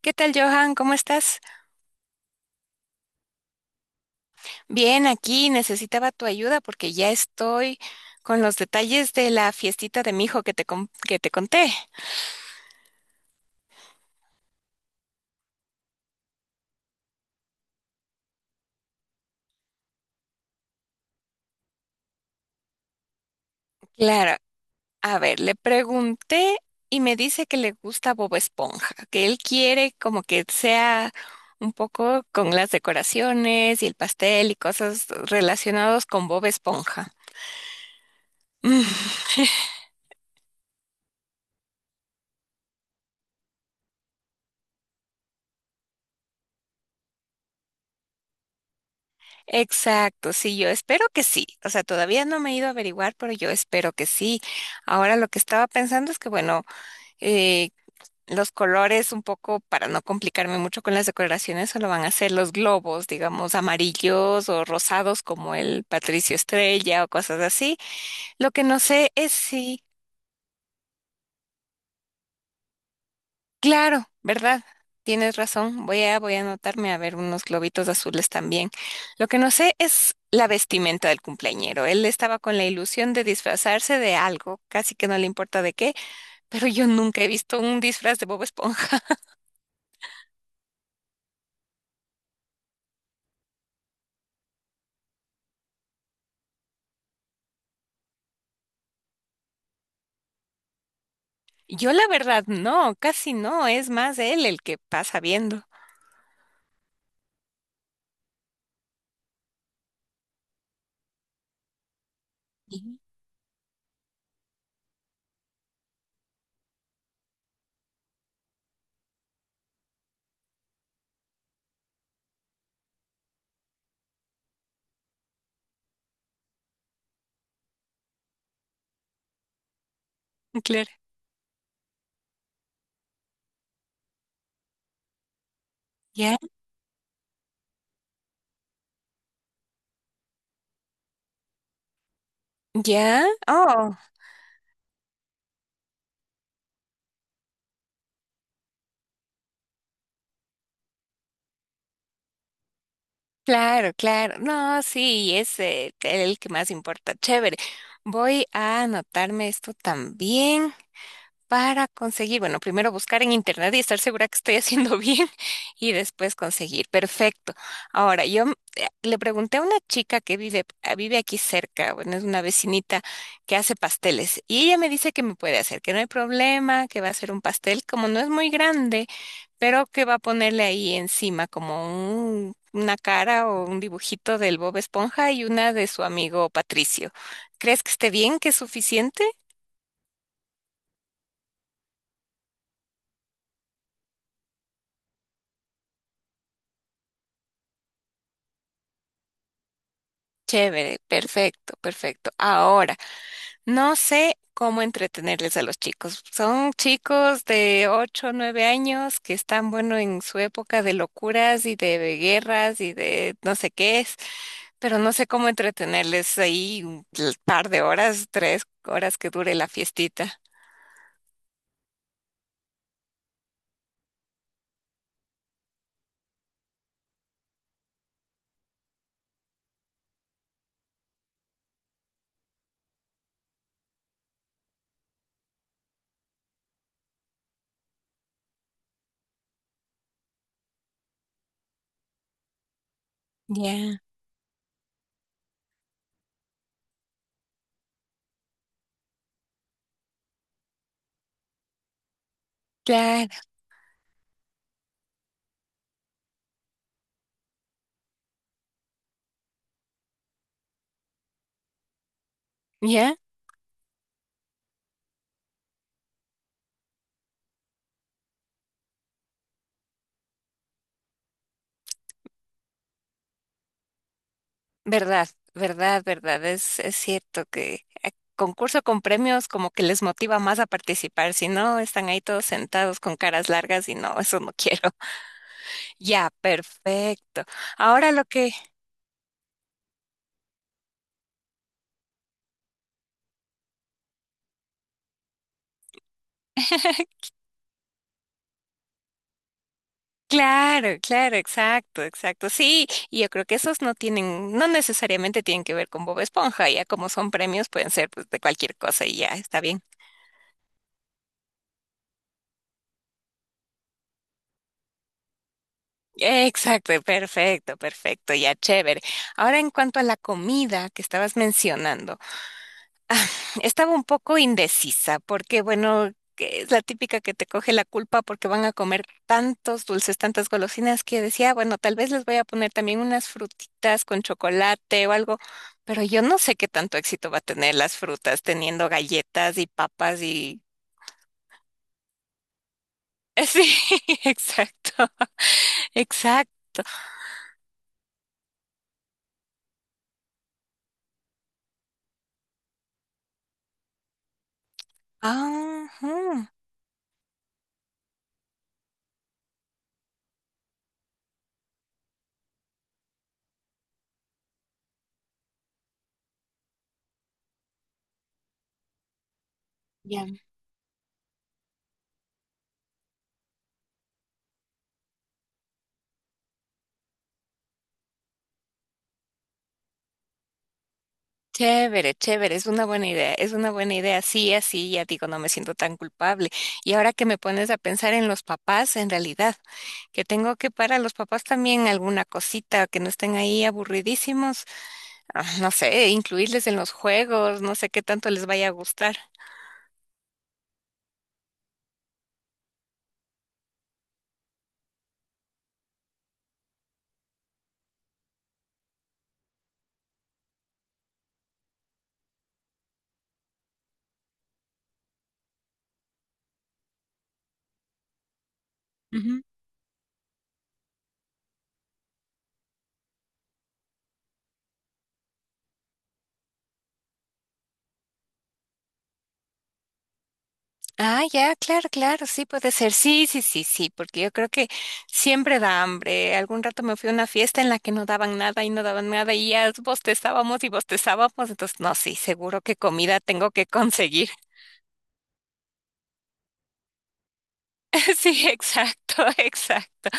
¿Qué tal, Johan? ¿Cómo estás? Bien, aquí necesitaba tu ayuda porque ya estoy con los detalles de la fiestita de mi hijo que te conté. Claro, a ver, le pregunté y me dice que le gusta Bob Esponja, que él quiere como que sea un poco con las decoraciones y el pastel y cosas relacionados con Bob Esponja. Mm. Exacto, sí, yo espero que sí. O sea, todavía no me he ido a averiguar, pero yo espero que sí. Ahora lo que estaba pensando es que, bueno, eh, los colores un poco, para no complicarme mucho con las decoraciones, solo van a ser los globos, digamos, amarillos o rosados como el Patricio Estrella o cosas así. Lo que no sé es si, claro, ¿verdad? Tienes razón, voy a anotarme a ver unos globitos azules también. Lo que no sé es la vestimenta del cumpleañero. Él estaba con la ilusión de disfrazarse de algo, casi que no le importa de qué, pero yo nunca he visto un disfraz de Bob Esponja. Yo la verdad no, casi no, es más él el que pasa viendo. Ujú. Claro. ¿Ya? ¿Ya? Oh, claro, claro. No, sí, es el que más importa. Chévere. Voy a anotarme esto también, para conseguir, bueno, primero buscar en internet y estar segura que estoy haciendo bien y después conseguir. Perfecto. Ahora, yo le pregunté a una chica que vive aquí cerca, bueno, es una vecinita que hace pasteles y ella me dice que me puede hacer, que no hay problema, que va a hacer un pastel, como no es muy grande, pero que va a ponerle ahí encima como una cara o un dibujito del Bob Esponja y una de su amigo Patricio. ¿Crees que esté bien, que es suficiente? Chévere, perfecto, perfecto. Ahora, no sé cómo entretenerles a los chicos. Son chicos de 8 o 9 años que están, bueno, en su época de locuras y de guerras y de no sé qué es, pero no sé cómo entretenerles ahí un par de horas, 3 horas que dure la fiestita. Ya, claro, ya, verdad, verdad, verdad, es cierto que concurso con premios como que les motiva más a participar, si no están ahí todos sentados con caras largas y no, eso no quiero. Ya, perfecto. Ahora lo que, Claro, claro, exacto, exacto. Sí, y yo creo que esos no tienen, no necesariamente tienen que ver con Bob Esponja, ya como son premios pueden ser pues, de cualquier cosa y ya está bien. Exacto, perfecto, perfecto, ya chévere. Ahora en cuanto a la comida que estabas mencionando, Ah, estaba un poco indecisa porque, bueno, que es la típica que te coge la culpa porque van a comer tantos dulces, tantas golosinas que decía: "Ah, bueno, tal vez les voy a poner también unas frutitas con chocolate o algo, pero yo no sé qué tanto éxito va a tener las frutas teniendo galletas y papas y". Sí, exacto, exacto. Ajá. Ya. Chévere, chévere, es una buena idea, es una buena idea. Sí, así ya digo, no me siento tan culpable. Y ahora que me pones a pensar en los papás, en realidad, que tengo que para los papás también alguna cosita, que no estén ahí aburridísimos, ah, no sé, incluirles en los juegos, no sé qué tanto les vaya a gustar. Ah, ya, claro, claro, sí puede ser. Sí, sí, sí, sí, porque yo creo que siempre da hambre. Algún rato me fui a una fiesta en la que no daban nada y no daban nada y ya bostezábamos y bostezábamos. Entonces, no, sí, seguro que comida tengo que conseguir. Sí, exacto, exacto.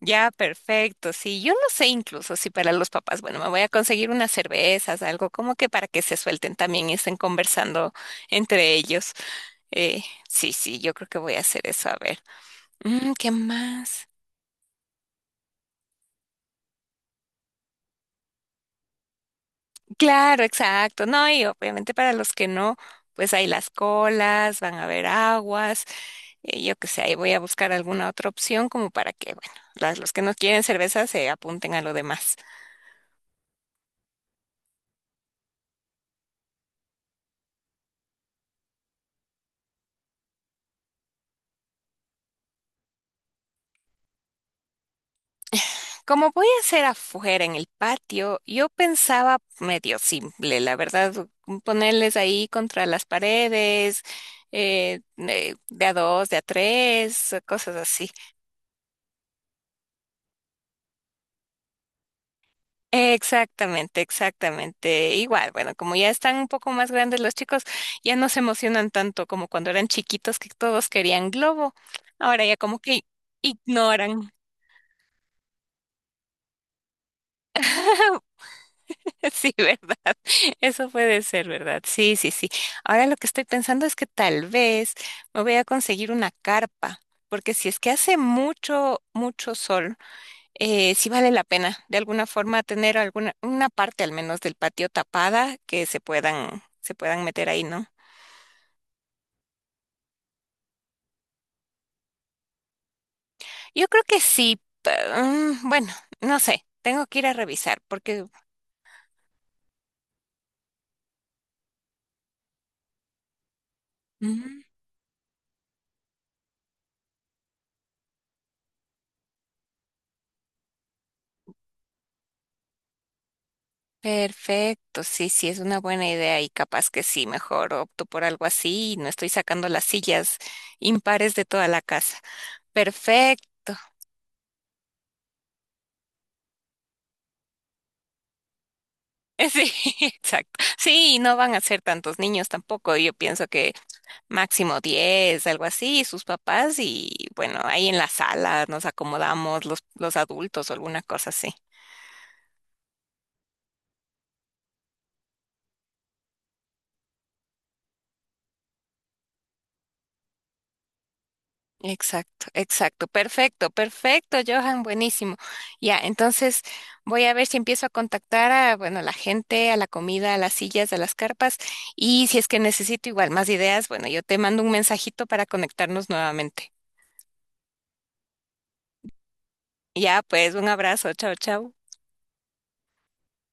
Ya, perfecto. Sí, yo no sé incluso si para los papás, bueno, me voy a conseguir unas cervezas, algo como que para que se suelten también y estén conversando entre ellos. Eh, sí, sí, yo creo que voy a hacer eso. A ver, mm, ¿qué más? Claro, exacto. No, y obviamente para los que no, pues hay las colas, van a haber aguas, yo qué sé, ahí voy a buscar alguna otra opción como para que, bueno, los que no quieren cerveza se apunten a lo demás. Como voy a hacer afuera en el patio, yo pensaba medio simple, la verdad, ponerles ahí contra las paredes, de a dos, de a tres, cosas así. Exactamente, exactamente. Igual, bueno, como ya están un poco más grandes los chicos, ya no se emocionan tanto como cuando eran chiquitos que todos querían globo. Ahora ya como que ignoran. Sí, ¿verdad? Eso puede ser, ¿verdad? Sí, sí, sí. Ahora lo que estoy pensando es que tal vez me voy a conseguir una carpa, porque si es que hace mucho, mucho sol. Sí vale la pena de alguna forma tener una parte al menos del patio tapada que se puedan meter ahí, ¿no? Yo creo que sí, bueno, no sé, tengo que ir a revisar porque. Ujú. Perfecto, sí, sí, es una buena idea y capaz que sí, mejor opto por algo así y no estoy sacando las sillas impares de toda la casa. Perfecto. Sí, exacto. Sí, y no van a ser tantos niños tampoco. Yo pienso que máximo 10 algo así, y sus papás y bueno, ahí en la sala nos acomodamos los adultos o alguna cosa así. Exacto, exacto, perfecto, perfecto, Johan, buenísimo. Ya, entonces voy a ver si empiezo a contactar a, bueno, a la gente, a la comida, a las sillas, a las carpas y si es que necesito igual más ideas, bueno, yo te mando un mensajito para conectarnos nuevamente. Ya, pues, un abrazo, chao, chao.